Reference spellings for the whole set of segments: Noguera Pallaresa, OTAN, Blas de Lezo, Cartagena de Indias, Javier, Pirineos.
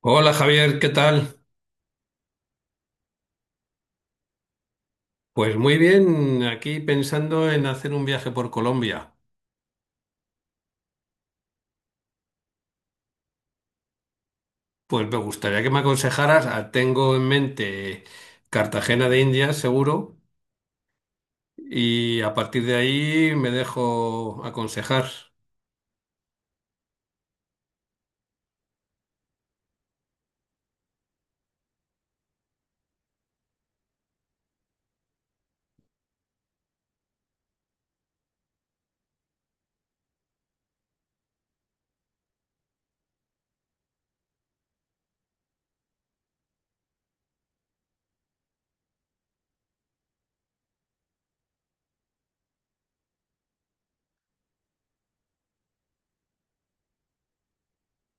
Hola Javier, ¿qué tal? Pues muy bien, aquí pensando en hacer un viaje por Colombia. Pues me gustaría que me aconsejaras, tengo en mente Cartagena de Indias, seguro, y a partir de ahí me dejo aconsejar.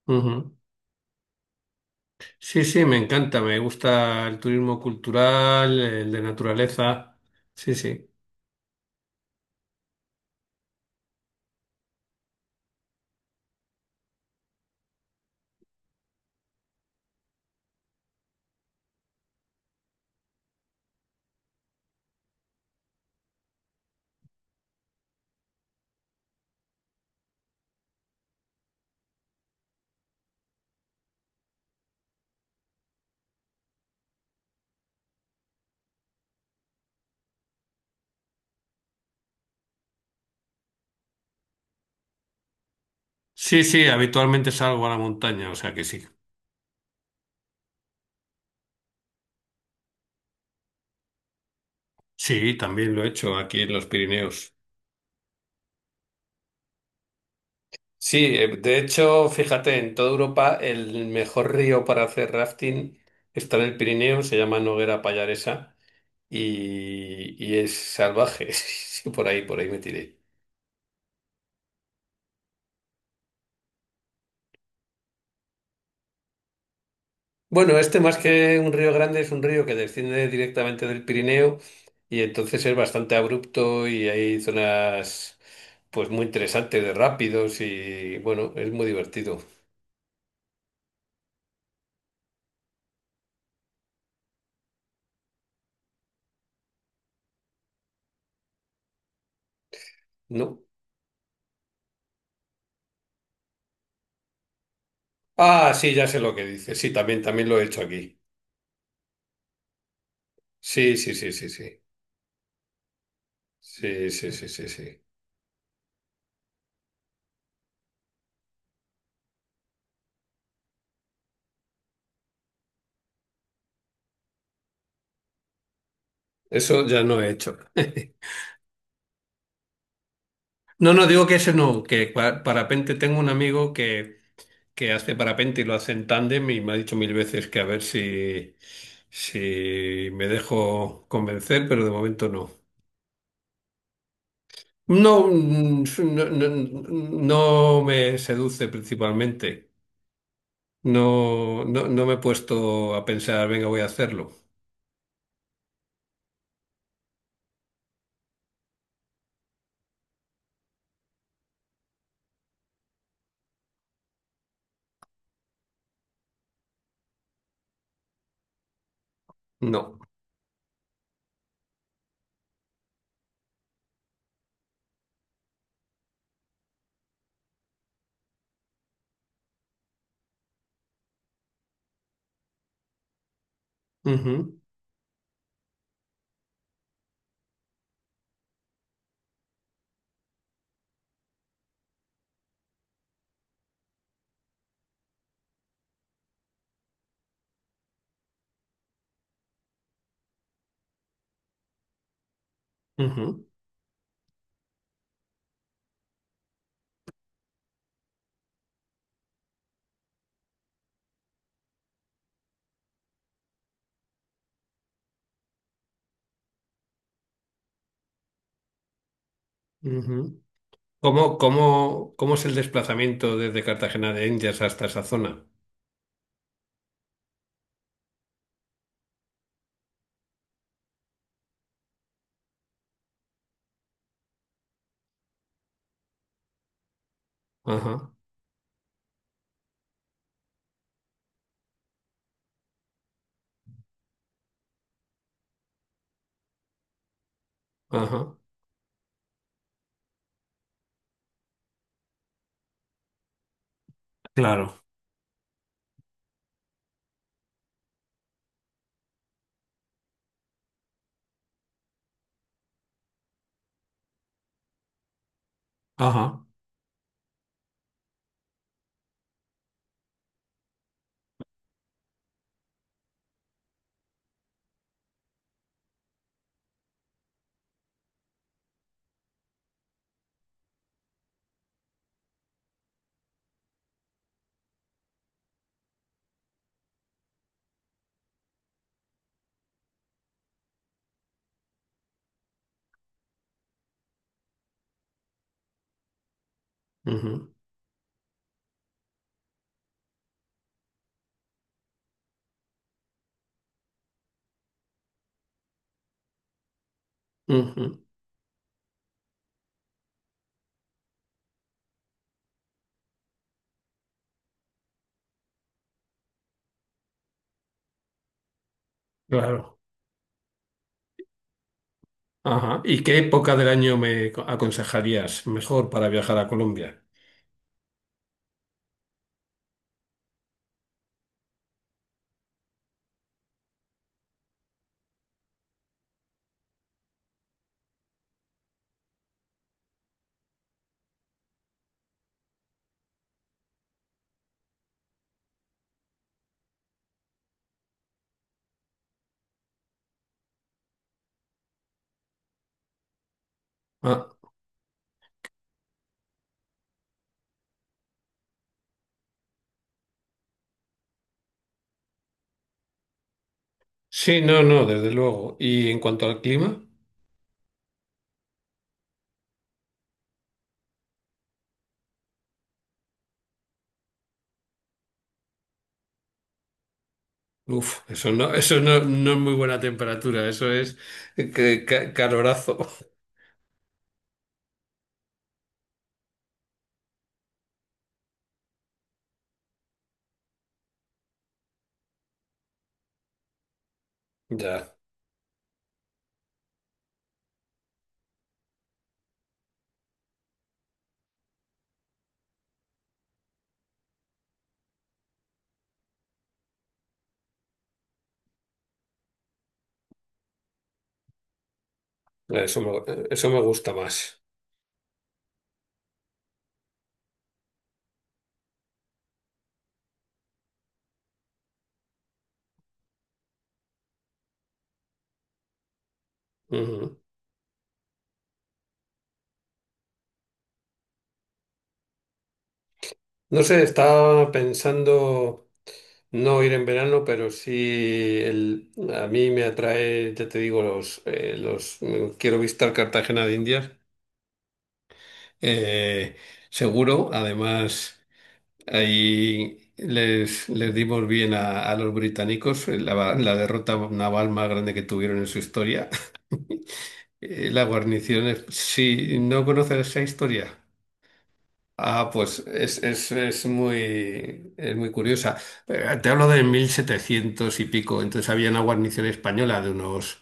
Ujú. Sí, sí, me encanta, me gusta el turismo cultural, el de naturaleza. Sí, sí. Sí, sí, habitualmente salgo a la montaña, o sea que sí. Sí, también lo he hecho aquí en los Pirineos. Sí, de hecho, fíjate, en toda Europa el mejor río para hacer rafting está en el Pirineo, se llama Noguera Pallaresa y es salvaje. Sí, por ahí me tiré. Bueno, este más que un río grande es un río que desciende directamente del Pirineo y entonces es bastante abrupto y hay zonas pues muy interesantes de rápidos y bueno, es muy divertido, ¿no? Ah, sí, ya sé lo que dices. Sí, también, también lo he hecho aquí. Sí, sí, sí, sí, sí. Sí, sí, sí, sí, sí. Eso ya no he hecho. No, no, digo que ese no, que parapente tengo un amigo que hace parapente y lo hace en tándem y me ha dicho mil veces que a ver si, si me dejo convencer, pero de momento no. No, no, no, no me seduce principalmente. No, no, no me he puesto a pensar, venga, voy a hacerlo. No. Ujú, ujú, ujú. ¿Cómo cómo es el desplazamiento desde Cartagena de Indias hasta esa zona? Ajá, ajá, Claro, ajá. Ujú, ujú, claro, ajá. ¿Y qué época del año me aconsejarías mejor para viajar a Colombia? Ah, sí, no, no, desde luego. ¿Y en cuanto al clima? Uf, eso no, no es muy buena temperatura, eso es calorazo. Ya, eso me, eso me gusta más. Ujú. No sé, estaba pensando. No ir en verano, pero sí el, a mí me atrae, ya te digo, los quiero visitar Cartagena de Indias, eh, seguro. Además, ahí les, les dimos bien a los británicos la, la derrota naval más grande que tuvieron en su historia. La guarnición, si no conoces esa historia. Ah, pues es muy curiosa. Te hablo de 1700 y pico, entonces había una guarnición española de unos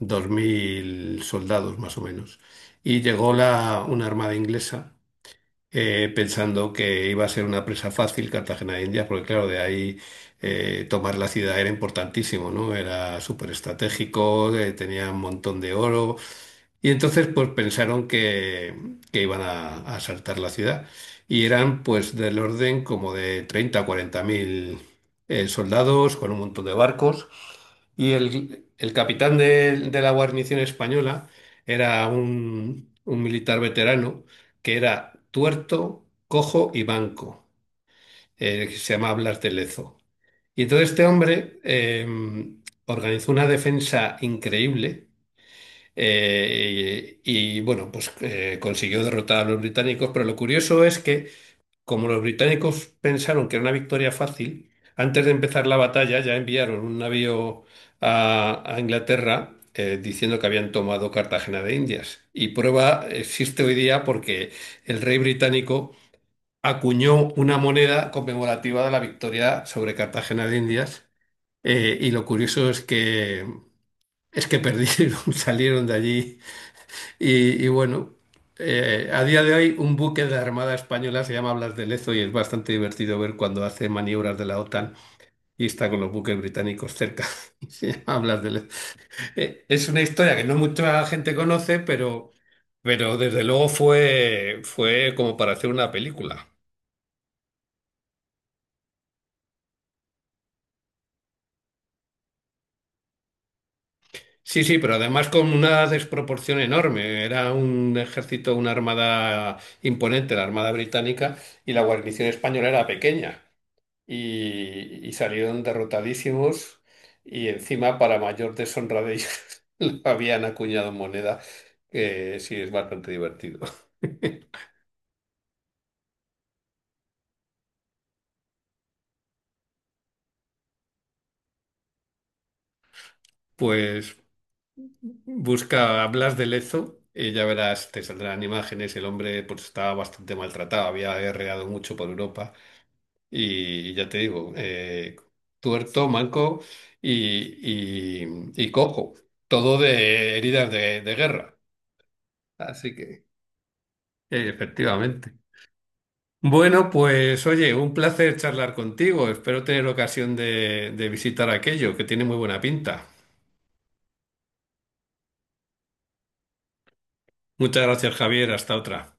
2000 soldados más o menos. Y llegó la, una armada inglesa pensando que iba a ser una presa fácil Cartagena de Indias, porque claro, de ahí tomar la ciudad era importantísimo, ¿no? Era súper estratégico, tenía un montón de oro. Y entonces pues pensaron que iban a asaltar la ciudad y eran pues del orden como de 30 a 40 mil soldados con un montón de barcos y el capitán de la guarnición española era un militar veterano que era tuerto, cojo y manco, que se llamaba Blas de Lezo. Y entonces este hombre organizó una defensa increíble y, bueno, pues consiguió derrotar a los británicos, pero lo curioso es que como los británicos pensaron que era una victoria fácil, antes de empezar la batalla ya enviaron un navío a Inglaterra diciendo que habían tomado Cartagena de Indias. Y prueba existe hoy día porque el rey británico acuñó una moneda conmemorativa de la victoria sobre Cartagena de Indias. Y lo curioso es que perdieron, salieron de allí y bueno, a día de hoy un buque de la Armada Española se llama Blas de Lezo y es bastante divertido ver cuando hace maniobras de la OTAN y está con los buques británicos cerca. Y se llama Blas de Lezo. Es una historia que no mucha gente conoce, pero desde luego fue, fue como para hacer una película. Sí, sí, pero además con una desproporción enorme. Era un ejército, una armada imponente, la Armada Británica, y la guarnición española era pequeña. Y, y salieron derrotadísimos y encima para mayor deshonra de ellos le habían acuñado moneda, que sí es bastante divertido. Pues busca Blas de Lezo y ya verás, te saldrán imágenes, el hombre pues estaba bastante maltratado, había guerreado mucho por Europa y y ya te digo, tuerto, manco y cojo, todo de heridas de guerra. Así que, efectivamente. Bueno, pues oye, un placer charlar contigo. Espero tener ocasión de visitar aquello, que tiene muy buena pinta. Muchas gracias, Javier. Hasta otra.